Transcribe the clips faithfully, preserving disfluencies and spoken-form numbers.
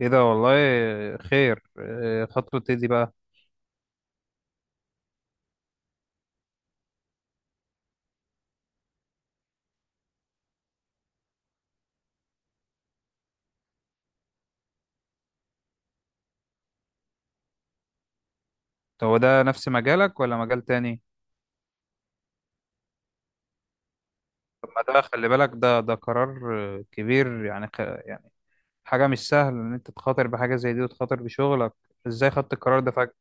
ايه ده؟ والله خير. إيه خطوة ايه دي بقى؟ طب هو ده نفس مجالك ولا مجال تاني؟ طب ما ده خلي بالك، ده ده قرار، آه، كبير يعني، خ... يعني حاجة مش سهلة ان انت تخاطر بحاجة زي دي وتخاطر بشغلك. ازاي خدت القرار ده فجأة؟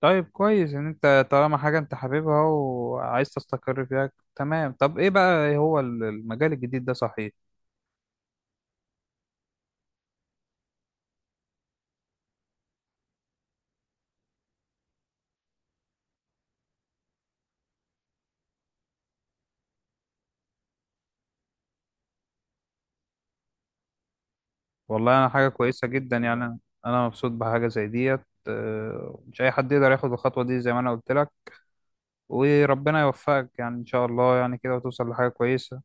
طيب كويس ان انت طالما حاجة انت حاببها وعايز تستقر فيها، تمام. طب ايه بقى هو ال- المجال الجديد ده، صحيح؟ والله انا، حاجة كويسة جدا يعني. انا مبسوط بحاجة زي ديت. آه، مش اي حد يقدر ياخد الخطوة دي زي ما انا قلت لك، وربنا يوفقك يعني ان شاء الله يعني كده، وتوصل لحاجة كويسة.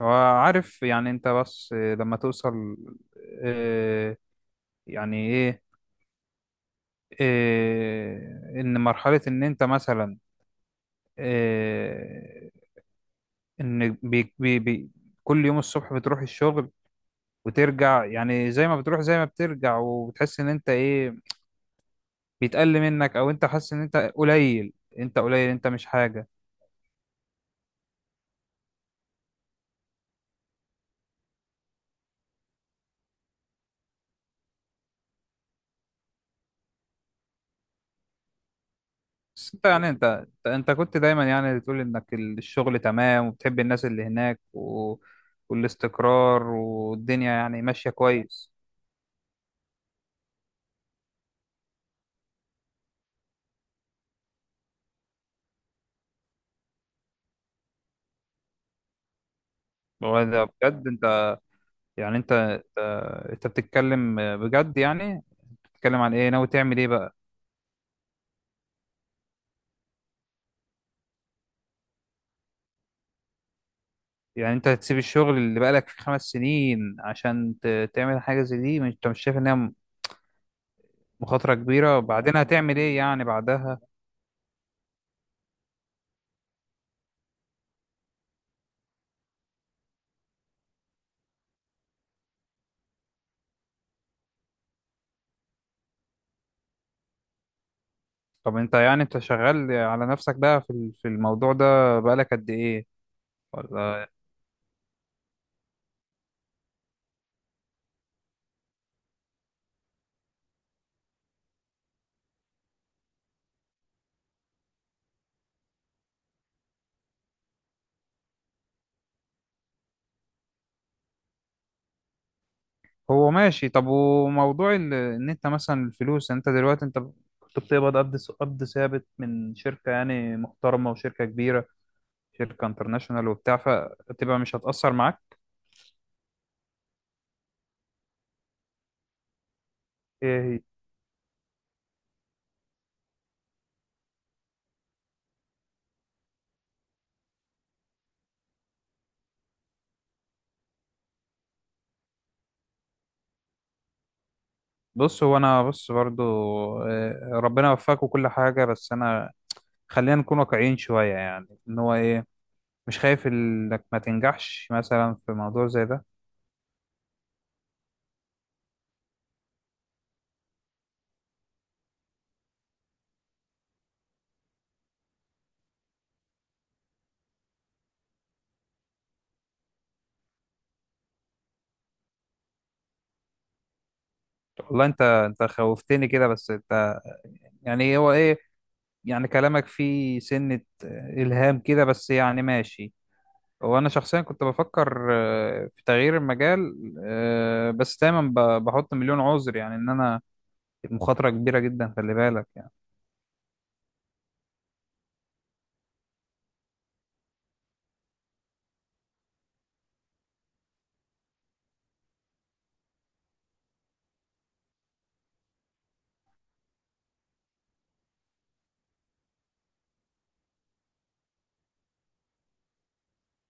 وعارف يعني انت، بس آه، لما توصل، آه، يعني ايه، آه، ان مرحلة ان انت مثلا، آه، ان بي بي بي كل يوم الصبح بتروح الشغل وترجع، يعني زي ما بتروح زي ما بترجع، وبتحس ان انت ايه، بيتقل منك، او انت حاسس ان انت قليل، انت قليل، انت مش حاجة. بس انت يعني انت انت انت كنت دايما يعني بتقول انك الشغل تمام وبتحب الناس اللي هناك و... والاستقرار والدنيا يعني ماشية كويس. هو ده بجد انت، يعني انت انت انت بتتكلم بجد يعني، بتتكلم عن ايه؟ ناوي تعمل ايه بقى؟ يعني انت هتسيب الشغل اللي بقالك فيه خمس سنين عشان ت... تعمل حاجة زي دي؟ مش- انت مش شايف انها مخاطرة كبيرة؟ بعدين هتعمل ايه يعني بعدها؟ طب انت يعني انت شغال على نفسك بقى في ال- في الموضوع ده بقالك قد ايه؟ ولا هو ماشي؟ طب وموضوع ال- ان انت مثلا الفلوس، انت دلوقتي انت كنت بتقبض قبض س- قبض ثابت من شركة يعني محترمة وشركة كبيرة، شركة انترناشونال وبتاع، فتبقى مش هتأثر معاك؟ ايه هي؟ بص، هو انا بص برضو، آه، ربنا يوفقك وكل حاجة، بس انا خلينا نكون واقعيين شوية يعني، ان هو ايه، مش خايف انك ما تنجحش مثلا في موضوع زي ده؟ والله انت انت خوفتني كده. بس انت يعني هو ايه، يعني كلامك فيه سنة إلهام كده، بس يعني ماشي. هو أنا شخصيا كنت بفكر آه، في تغيير المجال، آه، بس دايما ب- بحط مليون عذر يعني، إن أنا المخاطرة كبيرة جدا، خلي بالك يعني.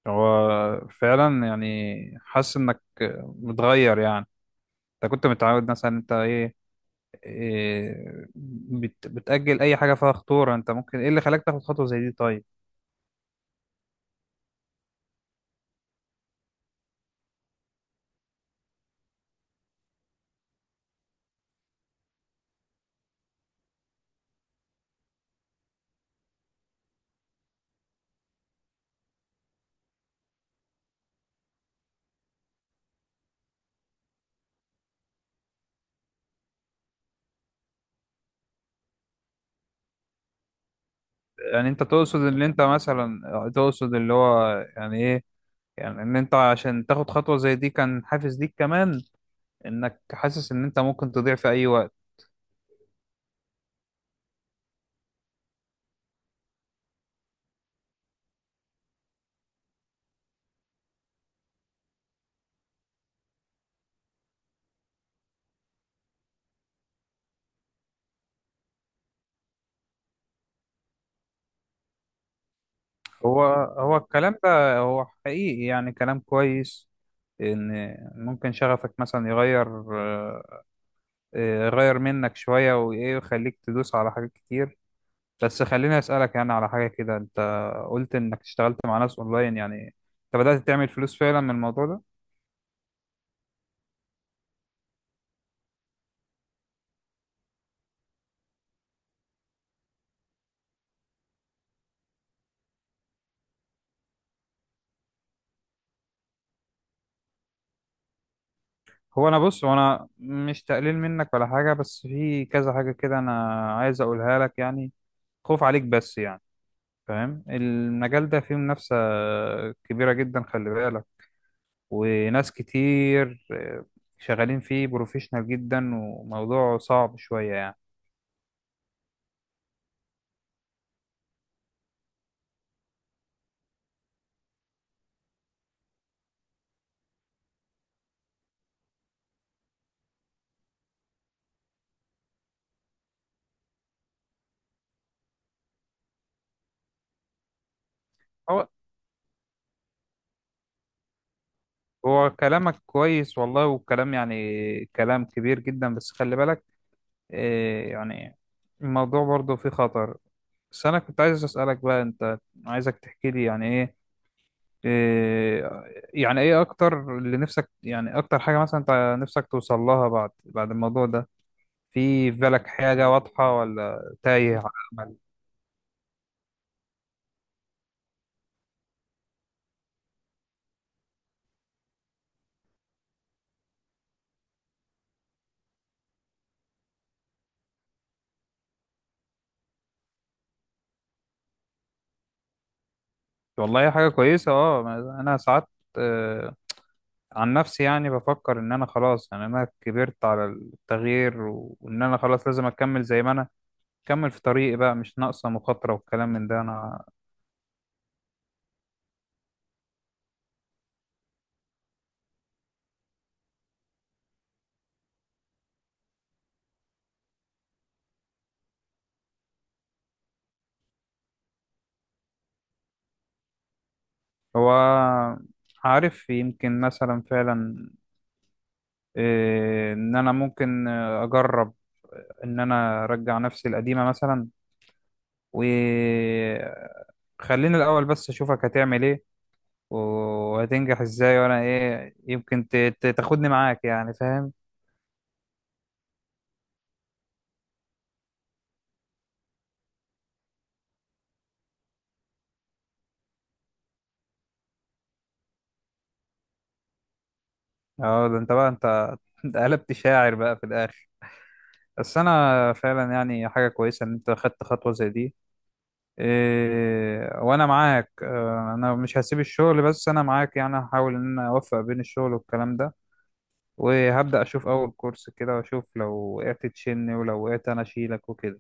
هو فعلا يعني حاسس إنك متغير يعني. أنت كنت متعود مثلا أنت إيه، إيه، بت- بتأجل أي حاجة فيها خطورة. أنت ممكن إيه اللي خلاك تاخد خطوة زي دي طيب؟ يعني أنت تقصد اللي أنت مثلا تقصد اللي هو يعني إيه، يعني ان انت عشان تاخد خطوة زي دي كان حافز ليك كمان انك حاسس ان انت ممكن تضيع في اي وقت؟ هو هو الكلام ده هو حقيقي يعني كلام كويس، ان ممكن شغفك مثلا يغير، آه، يغير منك شوية، وايه، ويخليك تدوس على حاجات كتير. بس خليني اسألك يعني على حاجة كده، انت قلت انك اشتغلت مع ناس اونلاين يعني، انت بدأت تعمل فلوس فعلا من الموضوع ده؟ هو انا بص، وانا مش تقليل منك ولا حاجة، بس في كذا حاجة كده انا عايز اقولها لك يعني، خوف عليك بس يعني. فاهم المجال ده فيه منافسة كبيرة جدا، خلي بالك، وناس كتير آه، شغالين فيه بروفيشنال جدا، وموضوع صعب شوية يعني. هو هو كلامك كويس والله، والكلام يعني كلام كبير جدا، بس خلي بالك آه، يعني، الموضوع برضه فيه خطر. بس أنا كنت عايز أسألك بقى، أنت عايزك تحكي لي يعني إيه، آه، يعني إيه أكتر اللي نفسك، يعني أكتر حاجة مثلا أنت نفسك توصل لها بعد بعد الموضوع ده، في في بالك حاجة واضحة ولا تايه على أمل؟ والله، حاجة كويسة. اه، ما- أنا ساعات آه، عن نفسي يعني بفكر إن أنا خلاص يعني، أنا كبرت على التغيير، و- وإن أنا خلاص لازم أكمل زي ما أنا، أكمل في طريقي بقى، مش ناقصة مخاطرة والكلام من ده أنا. هو، عارف يمكن مثلا فعلا آه، إن أنا ممكن آه، أجرب إن أنا أرجع نفسي القديمة مثلا، و خليني الأول بس أشوفك هتعمل إيه، وهتنجح ازاي، وانا ايه يمكن ت- ت- تاخدني معاك يعني، فاهم. اه ده انت بقى انت انت قلبت شاعر بقى في الاخر. بس انا فعلا يعني حاجه كويسه ان انت خدت خطوه زي دي. إيه وانا معاك، آه، انا مش هسيب الشغل، بس انا معاك يعني، هحاول ان انا اوفق بين الشغل والكلام ده. وهبدا اشوف اول كورس كده، واشوف لو وقعت تشيلني، ولو وقعت انا اشيلك وكده.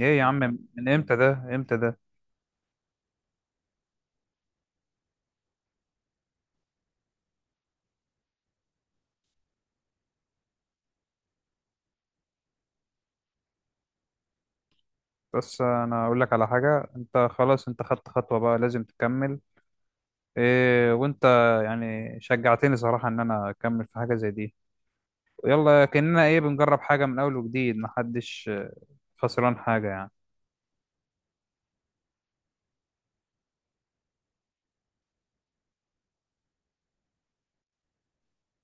ايه يا عم؟ من امتى ده؟ امتى ده؟ بس انا اقول لك على حاجه، انت خلاص، انت خدت خطوه بقى لازم تكمل، إيه وانت يعني شجعتني صراحه ان انا اكمل في حاجه زي دي. يلا كاننا ايه بنجرب حاجه من اول وجديد، محدش خسران حاجه يعني.